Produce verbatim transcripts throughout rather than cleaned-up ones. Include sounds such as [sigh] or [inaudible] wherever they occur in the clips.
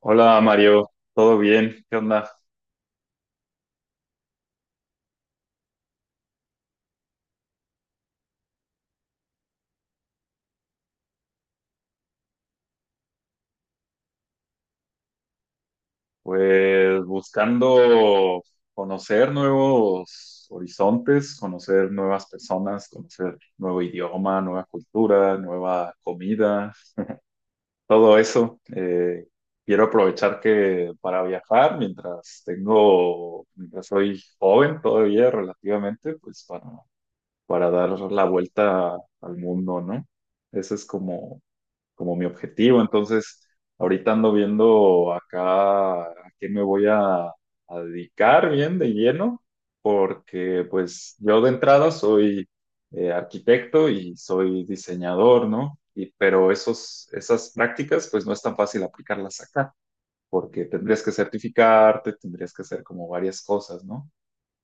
Hola Mario, ¿todo bien? ¿Qué onda? Pues buscando conocer nuevos horizontes, conocer nuevas personas, conocer nuevo idioma, nueva cultura, nueva comida, todo eso. Eh, quiero aprovechar que para viajar, mientras tengo, mientras soy joven todavía relativamente, pues para, para dar la vuelta al mundo, ¿no? Ese es como como mi objetivo. Entonces, ahorita ando viendo acá a qué me voy a, a dedicar bien de lleno, porque pues yo de entrada soy eh, arquitecto y soy diseñador, ¿no? Y, pero esos, esas prácticas pues no es tan fácil aplicarlas acá, porque tendrías que certificarte, tendrías que hacer como varias cosas, ¿no?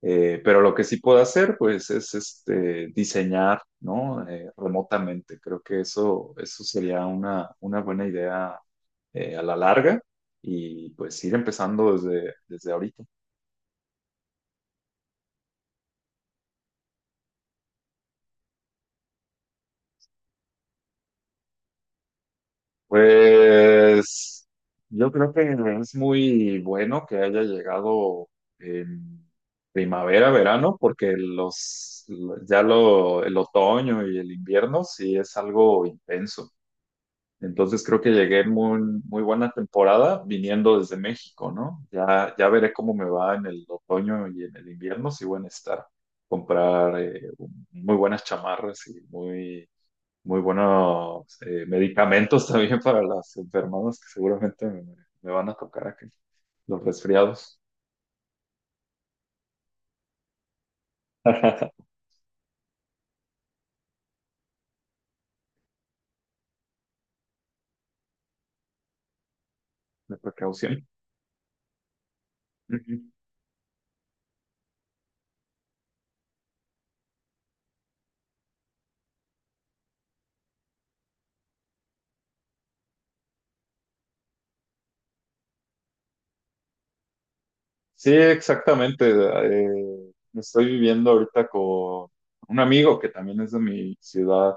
Eh, pero lo que sí puedo hacer, pues, es este, diseñar, ¿no? Eh, remotamente. Creo que eso, eso sería una, una buena idea eh, a la larga y pues ir empezando desde, desde ahorita. Pues yo creo que es muy bueno que haya llegado en primavera, verano, porque los, ya lo, el otoño y el invierno sí es algo intenso. Entonces creo que llegué muy, muy buena temporada viniendo desde México, ¿no? Ya, ya veré cómo me va en el otoño y en el invierno, si voy a estar comprar eh, muy buenas chamarras y muy, muy buenos eh, medicamentos [laughs] también para las enfermedades que seguramente me, me van a tocar aquí, los resfriados, [laughs] de precaución. Sí, exactamente. eh, estoy viviendo ahorita con un amigo que también es de mi ciudad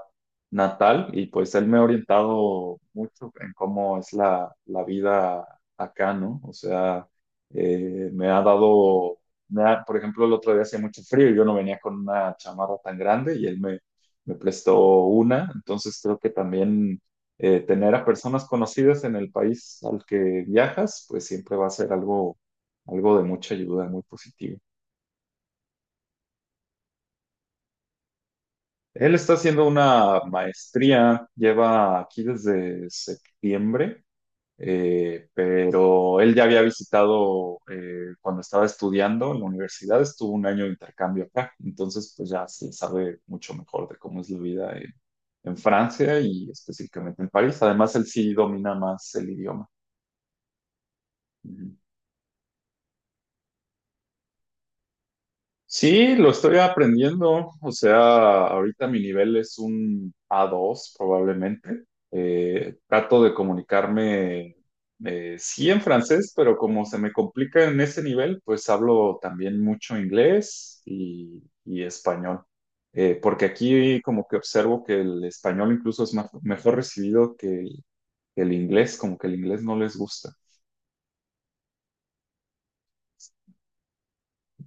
natal y pues él me ha orientado mucho en cómo es la, la vida acá, ¿no? O sea, eh, me ha dado, me ha- por ejemplo, el otro día hacía mucho frío y yo no venía con una chamarra tan grande y él me, me prestó una. Entonces creo que también eh, tener a personas conocidas en el país al que viajas, pues siempre va a ser algo algo de mucha ayuda, muy positivo. Él está haciendo una maestría, lleva aquí desde septiembre, eh, pero él ya había visitado eh, cuando estaba estudiando en la universidad, estuvo un año de intercambio acá, entonces pues ya se sabe mucho mejor de cómo es la vida en, en Francia y específicamente en París. Además, él sí domina más el idioma. Ujú. Sí, lo estoy aprendiendo. O sea, ahorita mi nivel es un a dos probablemente. Eh, trato de comunicarme, eh, sí en francés, pero como se me complica en ese nivel, pues hablo también mucho inglés y, y español. Eh, porque aquí como que observo que el español incluso es más- mejor recibido que el que el inglés, como que el inglés no les gusta.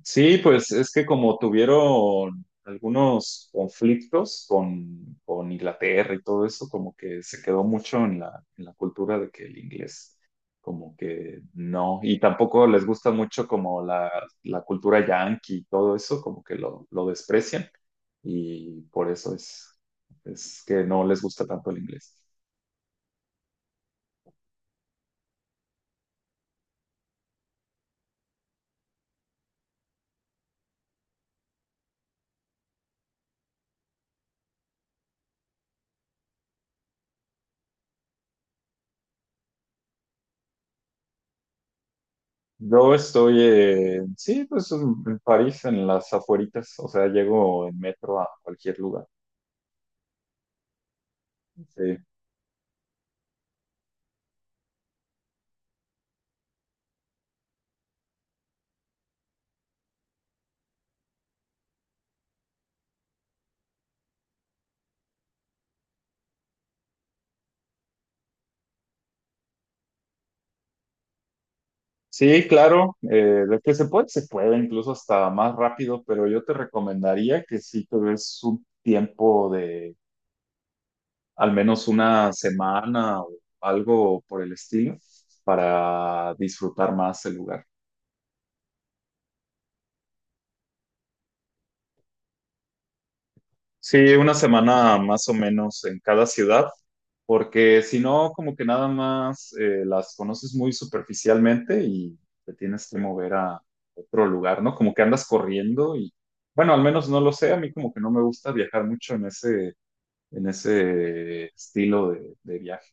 Sí, pues es que como tuvieron algunos conflictos con, con Inglaterra y todo eso, como que se quedó mucho en la, en la cultura de que el inglés, como que no, y tampoco les gusta mucho como la, la cultura yankee y todo eso, como que lo, lo desprecian, y por eso es, es que no les gusta tanto el inglés. Yo estoy, eh, sí, pues en en París, en las afueritas, o sea, llego en metro a cualquier lugar. Sí. Sí, claro, eh, de que se puede, se puede, incluso hasta más rápido, pero yo te recomendaría que sí te des un tiempo de al menos una semana o algo por el estilo para disfrutar más el lugar. Sí, una semana más o menos en cada ciudad, porque si no, como que nada más eh, las conoces muy superficialmente y te tienes que mover a otro lugar, ¿no? Como que andas corriendo y, bueno, al menos no lo sé, a mí como que no me gusta viajar mucho en ese, en ese estilo de, de viaje.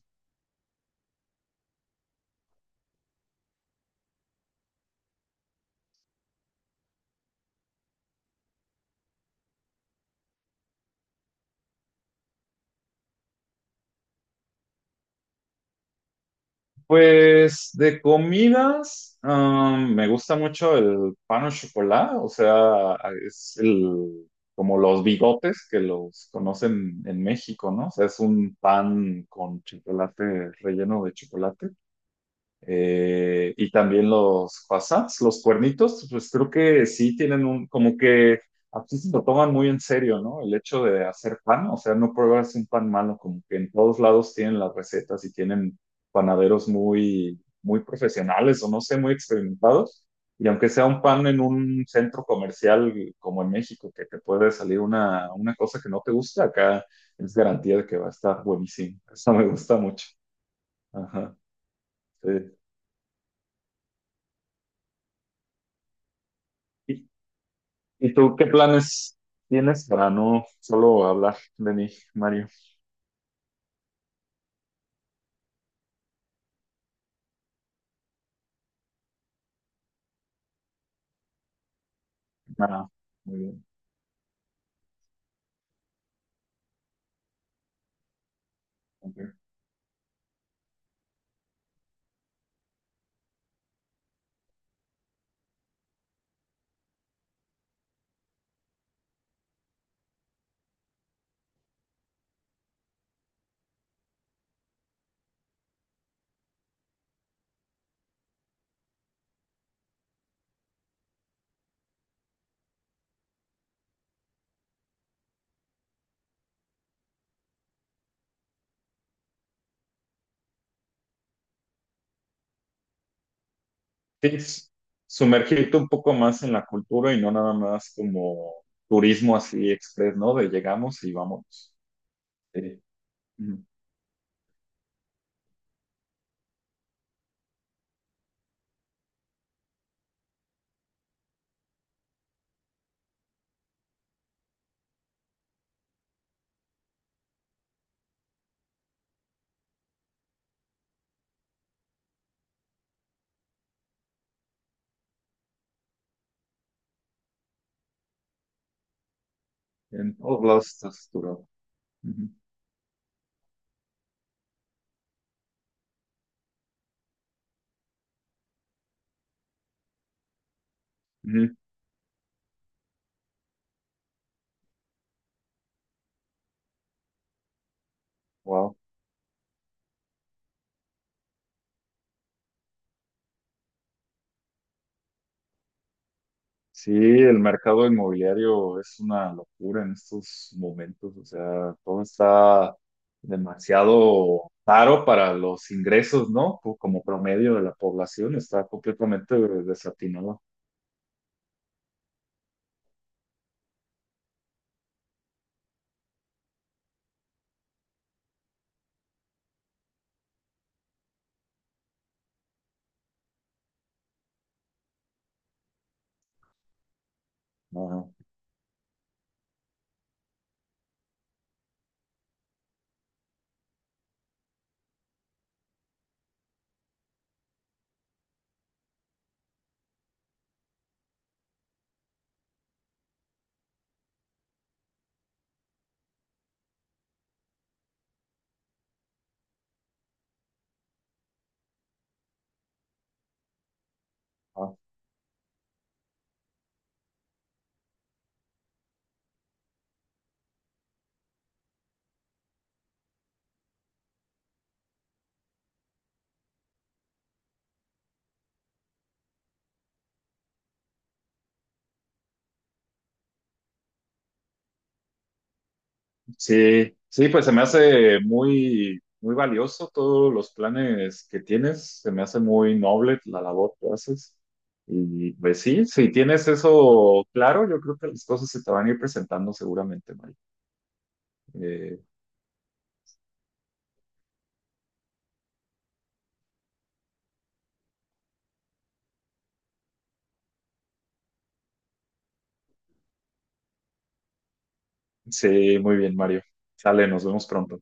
Pues de comidas, am, me gusta mucho el pan au chocolat, o sea, es el, como los bigotes que los conocen en México, ¿no? O sea, es un pan con chocolate relleno de chocolate. Eh, y también los fasas, los cuernitos, pues creo que sí tienen un, como que aquí se lo toman muy en serio, ¿no? El hecho de hacer pan, o sea, no pruebas un pan malo, como que en todos lados tienen las recetas y tienen panaderos muy, muy profesionales o no sé, muy experimentados. Y aunque sea un pan en un centro comercial como en México, que te puede salir una, una cosa que no te gusta, acá es garantía de que va a estar buenísimo. Eso me gusta mucho. Ajá. Sí. ¿Y tú qué planes tienes para no solo hablar de mí, Mario? Nada, muy bien. Ok. Sí, sumergirte un poco más en la cultura y no nada más como turismo así express, ¿no? De llegamos y vamos. Sí. Ujú. En todos lados estás saturado. Wow. Sí, el mercado inmobiliario es una locura en estos momentos, o sea, todo está demasiado caro para los ingresos, ¿no? Co- Como promedio de la población, está completamente desatinado. Ajá, ajá. Sí, sí, pues se me hace muy, muy valioso todos los planes que tienes, se me hace muy noble la labor que haces. Y pues sí, si tienes eso claro, yo creo que las cosas se te van a ir presentando seguramente, Mari. Sí, muy bien, Mario. Sale, nos vemos pronto.